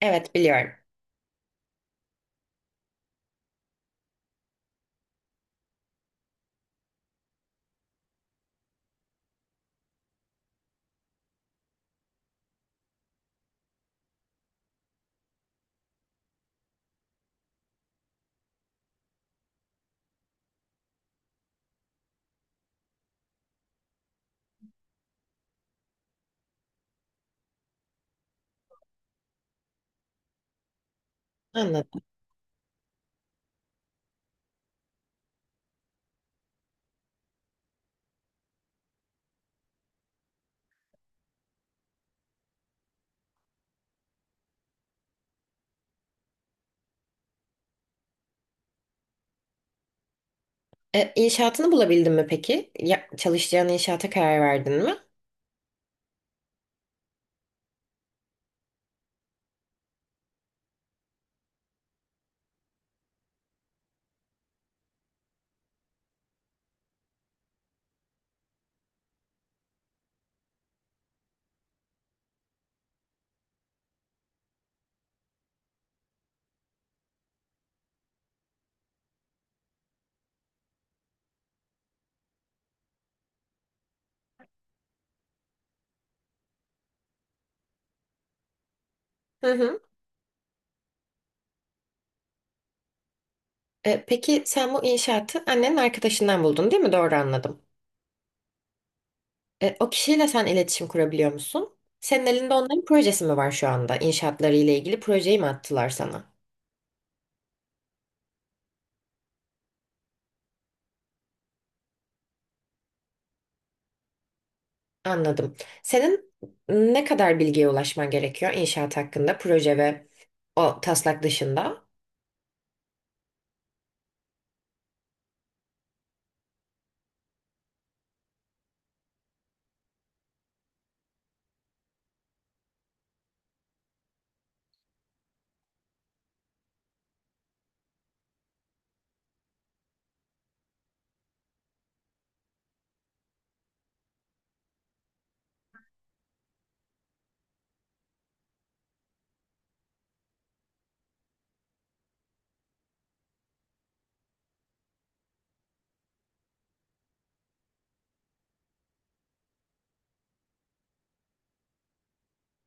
Evet, biliyorum. İnşaatını bulabildin mi peki? Ya, çalışacağın inşaata karar verdin mi? Hı hı. Peki sen bu inşaatı annenin arkadaşından buldun değil mi? Doğru anladım. O kişiyle sen iletişim kurabiliyor musun? Senin elinde onların projesi mi var şu anda? İnşaatları ile ilgili projeyi mi attılar sana? Anladım. Senin ne kadar bilgiye ulaşman gerekiyor inşaat hakkında, proje ve o taslak dışında?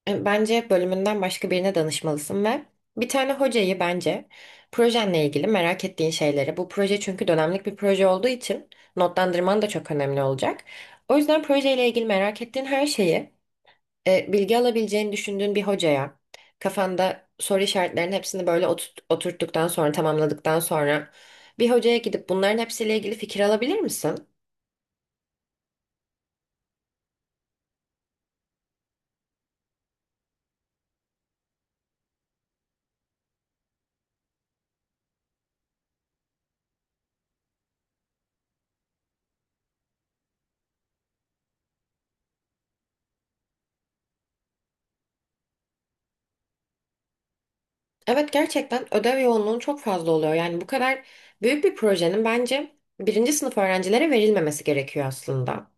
Bence bölümünden başka birine danışmalısın ve bir tane hocayı bence projenle ilgili merak ettiğin şeyleri, bu proje çünkü dönemlik bir proje olduğu için notlandırman da çok önemli olacak. O yüzden projeyle ilgili merak ettiğin her şeyi bilgi alabileceğini düşündüğün bir hocaya kafanda soru işaretlerinin hepsini böyle oturttuktan sonra tamamladıktan sonra bir hocaya gidip bunların hepsiyle ilgili fikir alabilir misin? Evet, gerçekten ödev yoğunluğun çok fazla oluyor. Yani bu kadar büyük bir projenin bence birinci sınıf öğrencilere verilmemesi gerekiyor aslında.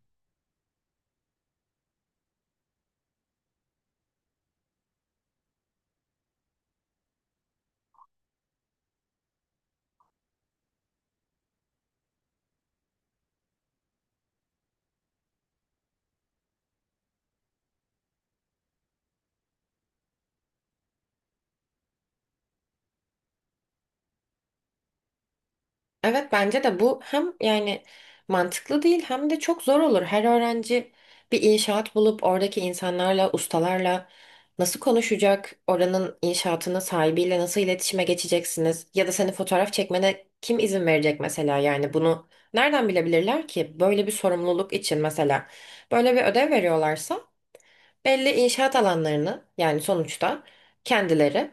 Evet, bence de bu hem yani mantıklı değil hem de çok zor olur. Her öğrenci bir inşaat bulup oradaki insanlarla, ustalarla nasıl konuşacak? Oranın inşaatının sahibiyle nasıl iletişime geçeceksiniz? Ya da seni fotoğraf çekmene kim izin verecek mesela? Yani bunu nereden bilebilirler ki? Böyle bir sorumluluk için mesela böyle bir ödev veriyorlarsa belli inşaat alanlarını yani sonuçta kendileri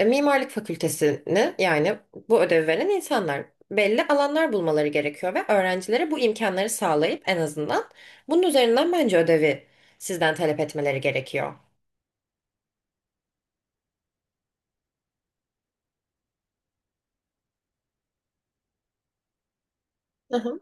mimarlık fakültesini yani bu ödevi veren insanlar belli alanlar bulmaları gerekiyor ve öğrencilere bu imkanları sağlayıp en azından bunun üzerinden bence ödevi sizden talep etmeleri gerekiyor. Hı hı,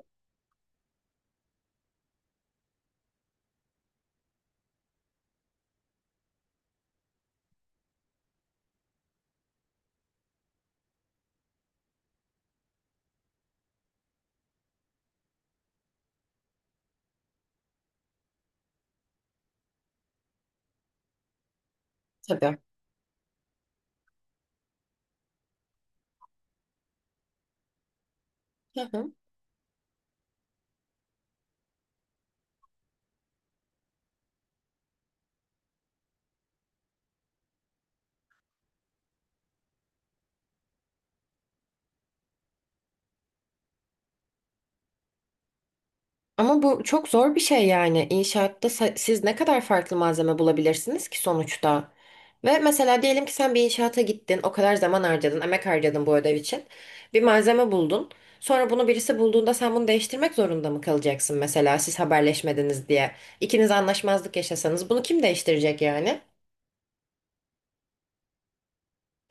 tabii. Ama bu çok zor bir şey yani. Siz ne kadar farklı malzeme bulabilirsiniz ki sonuçta? Ve mesela diyelim ki sen bir inşaata gittin, o kadar zaman harcadın, emek harcadın bu ödev için. Bir malzeme buldun. Sonra bunu birisi bulduğunda sen bunu değiştirmek zorunda mı kalacaksın mesela siz haberleşmediniz diye? İkiniz anlaşmazlık yaşasanız bunu kim değiştirecek yani?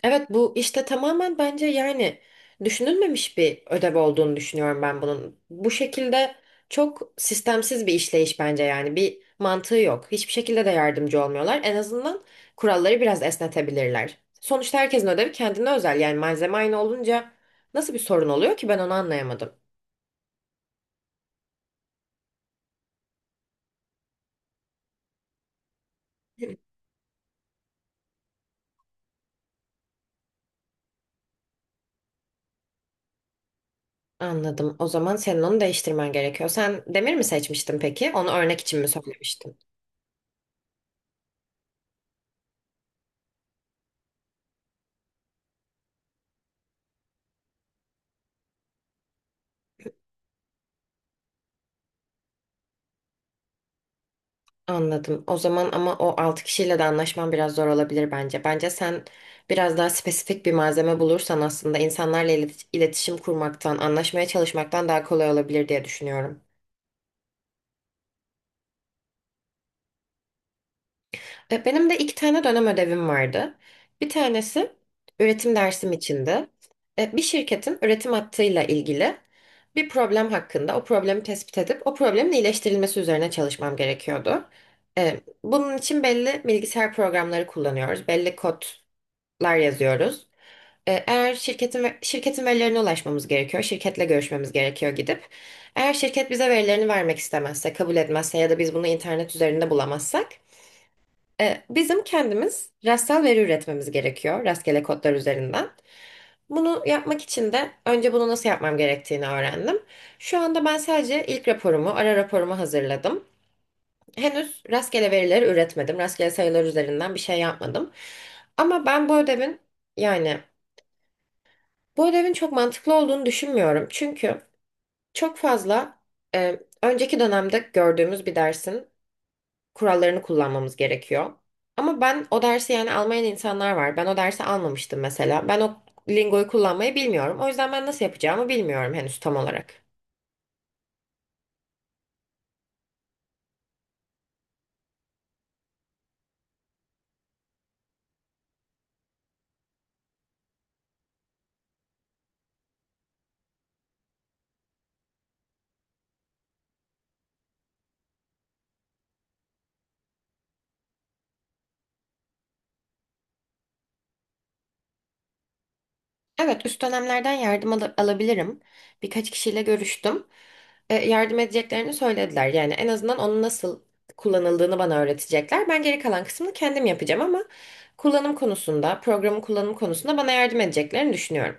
Evet, bu işte tamamen bence yani düşünülmemiş bir ödev olduğunu düşünüyorum ben bunun. Bu şekilde çok sistemsiz bir işleyiş bence, yani bir mantığı yok. Hiçbir şekilde de yardımcı olmuyorlar. En azından kuralları biraz esnetebilirler. Sonuçta herkesin ödevi kendine özel, yani malzeme aynı olunca nasıl bir sorun oluyor ki ben onu anlayamadım. Anladım. O zaman senin onu değiştirmen gerekiyor. Sen demir mi seçmiştin peki? Onu örnek için mi söylemiştin? Anladım. O zaman ama o 6 kişiyle de anlaşman biraz zor olabilir bence. Bence sen biraz daha spesifik bir malzeme bulursan aslında insanlarla iletişim kurmaktan, anlaşmaya çalışmaktan daha kolay olabilir diye düşünüyorum. Benim de iki tane dönem ödevim vardı. Bir tanesi üretim dersim içindi. Bir şirketin üretim hattıyla ilgili bir problem hakkında o problemi tespit edip o problemin iyileştirilmesi üzerine çalışmam gerekiyordu. Bunun için belli bilgisayar programları kullanıyoruz. Belli kod lar yazıyoruz. Eğer şirketin verilerine ulaşmamız gerekiyor, şirketle görüşmemiz gerekiyor gidip. Eğer şirket bize verilerini vermek istemezse, kabul etmezse ya da biz bunu internet üzerinde bulamazsak, bizim kendimiz rastsal veri üretmemiz gerekiyor, rastgele kodlar üzerinden. Bunu yapmak için de önce bunu nasıl yapmam gerektiğini öğrendim. Şu anda ben sadece ilk raporumu, ara raporumu hazırladım. Henüz rastgele verileri üretmedim, rastgele sayılar üzerinden bir şey yapmadım. Ama ben yani bu ödevin çok mantıklı olduğunu düşünmüyorum. Çünkü çok fazla önceki dönemde gördüğümüz bir dersin kurallarını kullanmamız gerekiyor. Ama ben o dersi yani almayan insanlar var. Ben o dersi almamıştım mesela. Ben o lingoyu kullanmayı bilmiyorum. O yüzden ben nasıl yapacağımı bilmiyorum henüz tam olarak. Evet, üst dönemlerden alabilirim. Birkaç kişiyle görüştüm. Yardım edeceklerini söylediler. Yani en azından onun nasıl kullanıldığını bana öğretecekler. Ben geri kalan kısmını kendim yapacağım ama kullanım konusunda, programın kullanım konusunda bana yardım edeceklerini düşünüyorum.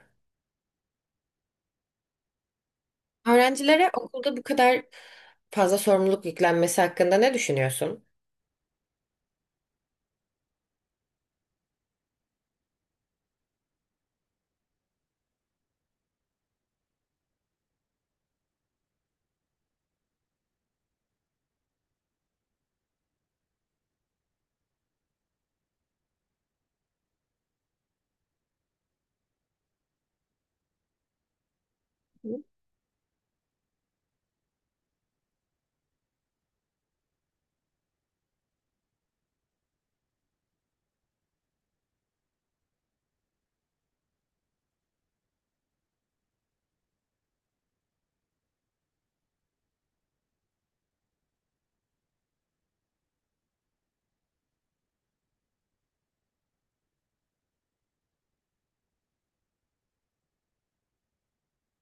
Öğrencilere okulda bu kadar fazla sorumluluk yüklenmesi hakkında ne düşünüyorsun?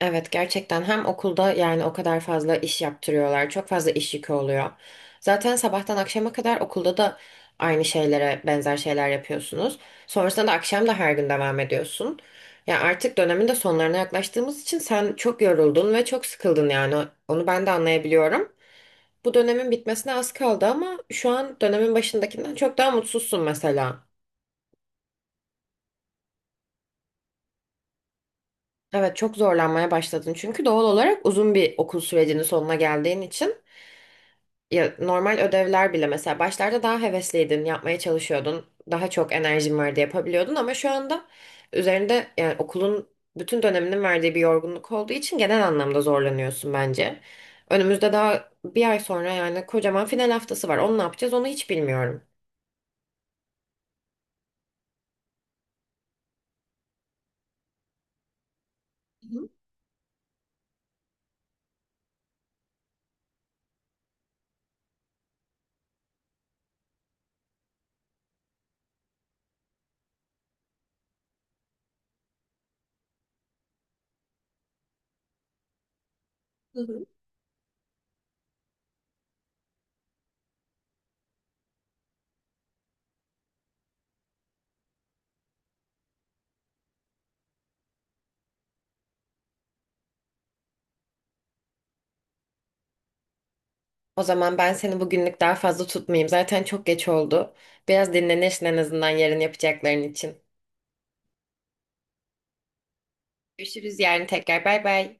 Evet, gerçekten hem okulda yani o kadar fazla iş yaptırıyorlar. Çok fazla iş yükü oluyor. Zaten sabahtan akşama kadar okulda da aynı şeylere benzer şeyler yapıyorsunuz. Sonrasında da akşam da her gün devam ediyorsun. Ya artık dönemin de sonlarına yaklaştığımız için sen çok yoruldun ve çok sıkıldın yani. Onu ben de anlayabiliyorum. Bu dönemin bitmesine az kaldı ama şu an dönemin başındakinden çok daha mutsuzsun mesela. Evet, çok zorlanmaya başladın çünkü doğal olarak uzun bir okul sürecinin sonuna geldiğin için. Ya normal ödevler bile mesela başlarda daha hevesliydin, yapmaya çalışıyordun, daha çok enerjin vardı yapabiliyordun ama şu anda üzerinde yani okulun bütün döneminin verdiği bir yorgunluk olduğu için genel anlamda zorlanıyorsun bence. Önümüzde daha bir ay sonra yani kocaman final haftası var. Onu ne yapacağız onu hiç bilmiyorum. Hı hı. Hı hı. O zaman ben seni bugünlük daha fazla tutmayayım. Zaten çok geç oldu. Biraz dinlenirsin en azından yarın yapacakların için. Görüşürüz yarın tekrar. Bay bay.